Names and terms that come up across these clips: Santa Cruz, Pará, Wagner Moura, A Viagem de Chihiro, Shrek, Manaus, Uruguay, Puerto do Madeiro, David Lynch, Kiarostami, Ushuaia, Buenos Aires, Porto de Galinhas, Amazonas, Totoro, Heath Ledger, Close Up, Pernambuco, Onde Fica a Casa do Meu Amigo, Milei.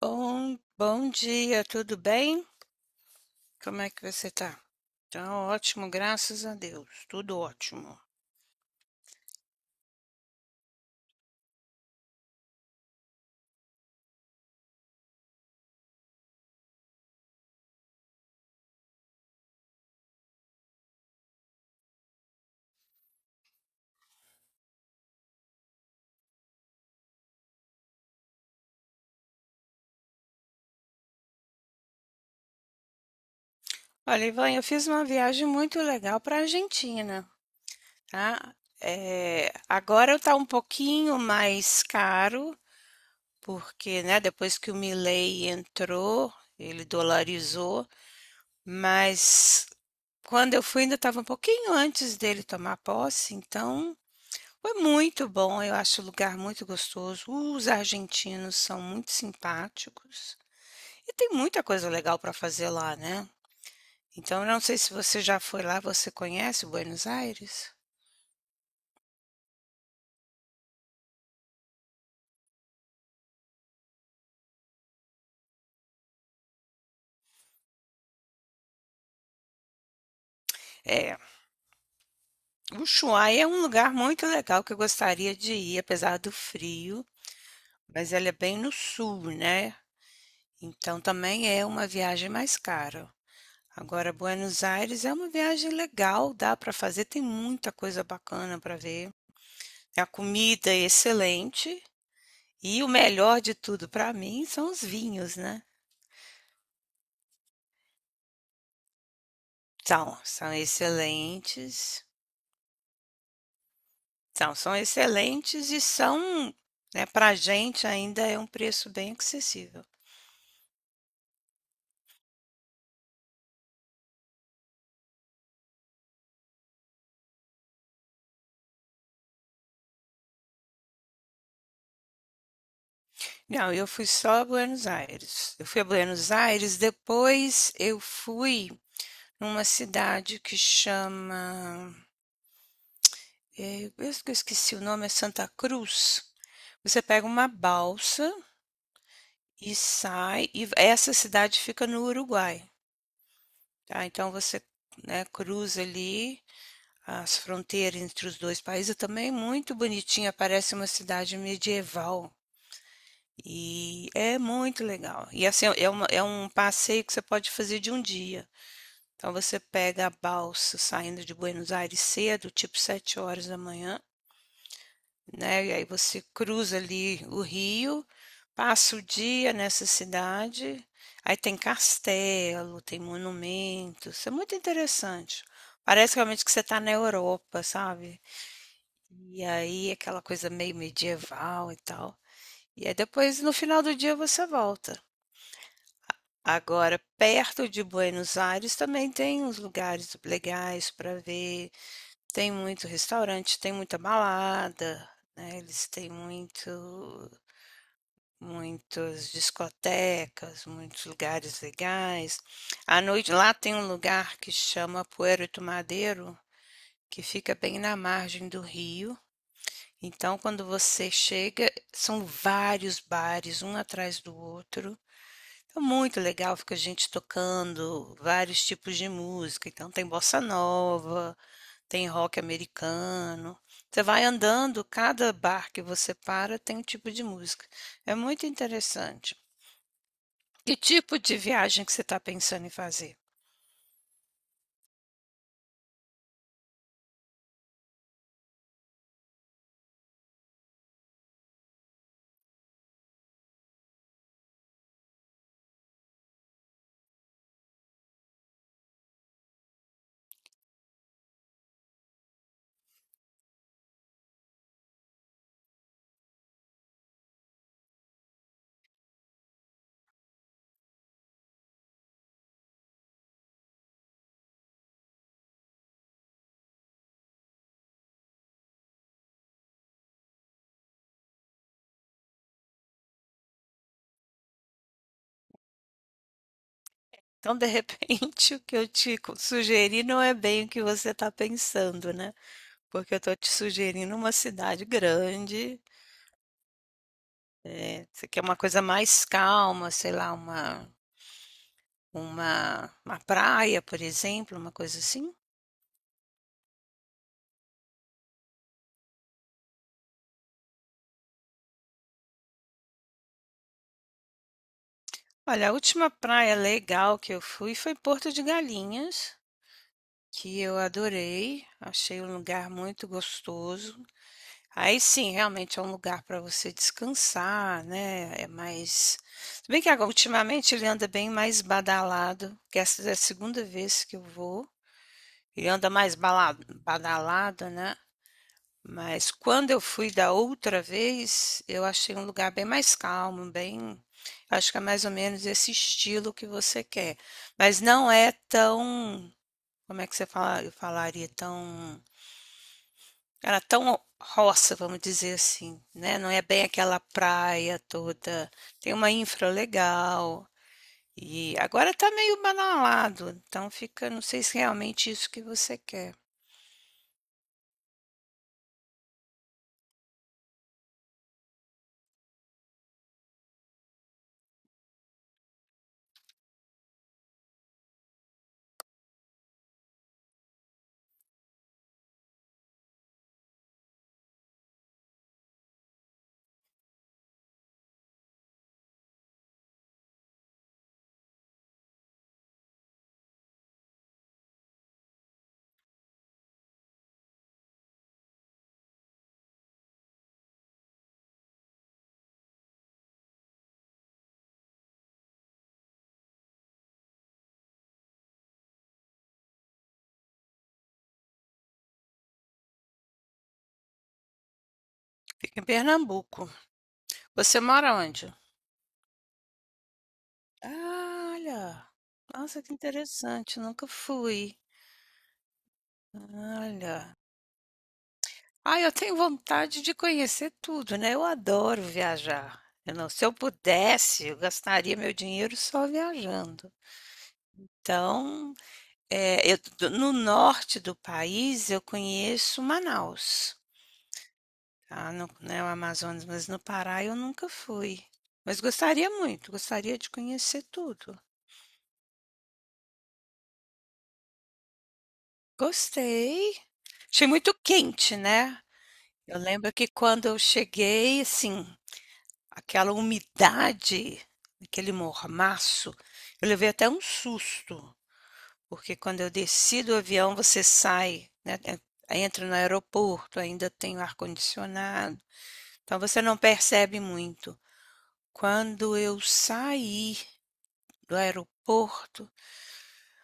Bom, bom dia, tudo bem? Como é que você tá? Tá ótimo, graças a Deus, tudo ótimo. Olha, Ivan, eu fiz uma viagem muito legal para a Argentina, tá? É, agora tá um pouquinho mais caro, porque, né, depois que o Milei entrou, ele dolarizou, mas quando eu fui ainda estava um pouquinho antes dele tomar posse, então foi muito bom, eu acho o lugar muito gostoso. Os argentinos são muito simpáticos e tem muita coisa legal para fazer lá, né. Então eu não sei se você já foi lá, você conhece Buenos Aires? É, Ushuaia é um lugar muito legal que eu gostaria de ir, apesar do frio, mas ele é bem no sul, né, então também é uma viagem mais cara. Agora Buenos Aires é uma viagem legal, dá para fazer, tem muita coisa bacana para ver. A comida é excelente. E o melhor de tudo para mim são os vinhos, né. São, são excelentes. São, são excelentes e são, né, para a gente ainda é um preço bem acessível. Não, eu fui só a Buenos Aires. Eu fui a Buenos Aires, depois eu fui numa cidade que chama, eh, eu esqueci o nome, é Santa Cruz. Você pega uma balsa e sai e essa cidade fica no Uruguai. Tá, então você, né, cruza ali as fronteiras entre os dois países, também muito bonitinha, parece uma cidade medieval. E é muito legal. E assim, é um passeio que você pode fazer de um dia. Então você pega a balsa saindo de Buenos Aires cedo, tipo 7 horas da manhã, né? E aí você cruza ali o rio, passa o dia nessa cidade, aí tem castelo, tem monumentos, é muito interessante. Parece realmente que você está na Europa, sabe? E aí aquela coisa meio medieval e tal. E aí depois no final do dia você volta. Agora, perto de Buenos Aires também tem uns lugares legais para ver. Tem muito restaurante, tem muita balada, né? Eles têm muito muitas discotecas, muitos lugares legais. À noite lá tem um lugar que chama Puerto do Madeiro, que fica bem na margem do rio. Então, quando você chega, são vários bares, um atrás do outro. É muito legal, fica gente tocando vários tipos de música. Então, tem bossa nova, tem rock americano. Você vai andando, cada bar que você para tem um tipo de música. É muito interessante. Que tipo de viagem que você está pensando em fazer? Então, de repente, o que eu sugeri não é bem o que você está pensando, né? Porque eu estou te sugerindo uma cidade grande, é, você quer uma coisa mais calma, sei lá, uma praia, por exemplo, uma coisa assim. Olha, a última praia legal que eu fui foi Porto de Galinhas, que eu adorei, achei um lugar muito gostoso. Aí sim, realmente é um lugar para você descansar, né? É mais. Se bem que agora, ultimamente ele anda bem mais badalado, que essa é a segunda vez que eu vou. Ele anda mais badalado, né? Mas quando eu fui da outra vez, eu achei um lugar bem mais calmo, bem. Acho que é mais ou menos esse estilo que você quer. Mas não é tão. Como é que você fala, eu falaria tão. Era tão roça, vamos dizer assim, né? Não é bem aquela praia toda. Tem uma infra legal. E agora tá meio banalado, então fica, não sei se é realmente isso que você quer. Fica em Pernambuco. Você mora onde? Ah, olha. Nossa, que interessante, nunca fui. Olha. Ah, eu tenho vontade de conhecer tudo, né? Eu adoro viajar. Eu não, se eu pudesse, eu gastaria meu dinheiro só viajando. Então, é, eu do no norte do país, eu conheço Manaus, tá, no né, o Amazonas, mas no Pará eu nunca fui. Mas gostaria muito, gostaria de conhecer tudo. Gostei. Achei muito quente, né. Eu lembro que quando eu cheguei, assim, aquela umidade, aquele mormaço, eu levei até um susto, porque quando eu desci do avião, você sai, né, entra no aeroporto, ainda tem o ar-condicionado. Então você não percebe muito. Quando eu saí do aeroporto,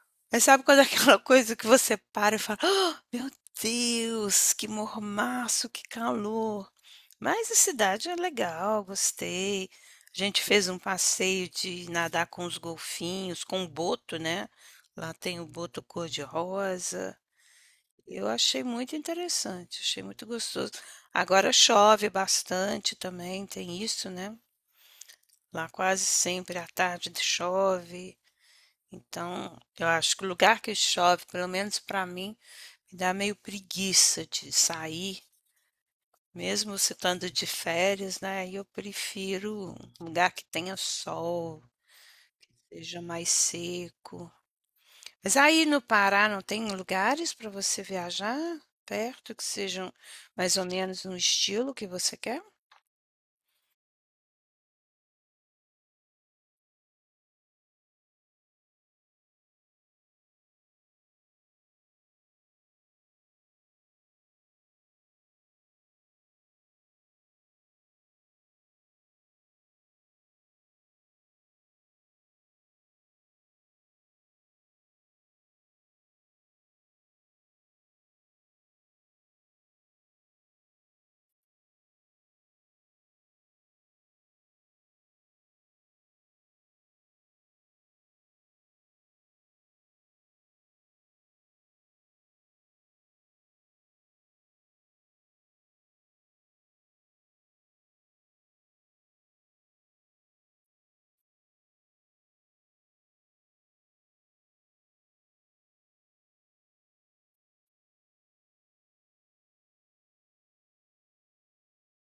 mas sabe quando é aquela coisa que você para e fala: "Ah, meu Deus, que mormaço, que calor". Mas a cidade é legal, gostei. A gente fez um passeio de nadar com os golfinhos, com o boto, né, lá tem o boto cor-de-rosa. Eu achei muito interessante, achei muito gostoso. Agora chove bastante também, tem isso, né. Lá quase sempre à tarde chove, então eu acho que o lugar que chove, pelo menos para mim, me dá meio preguiça de sair, mesmo se estando de férias, né? Eu prefiro um lugar que tenha sol, seja mais seco. Mas aí no Pará não tem lugares para você viajar perto que sejam mais ou menos no estilo que você quer?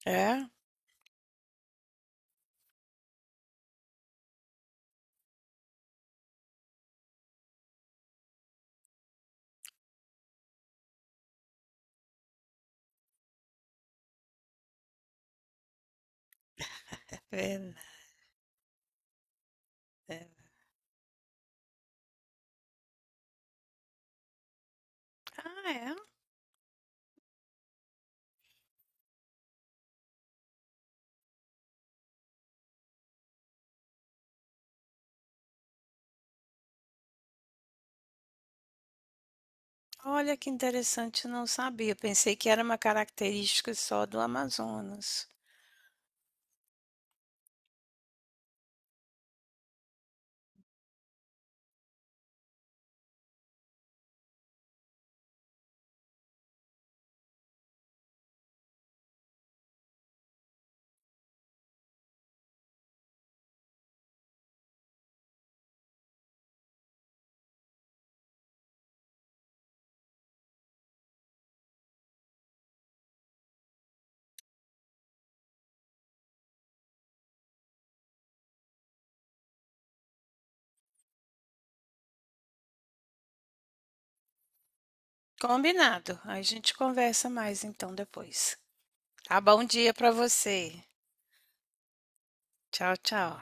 É, é, é. Ah, é. Olha que interessante, não sabia. Pensei que era uma característica só do Amazonas. Combinado. A gente conversa mais então depois. Tá, bom dia para você. Tchau, tchau.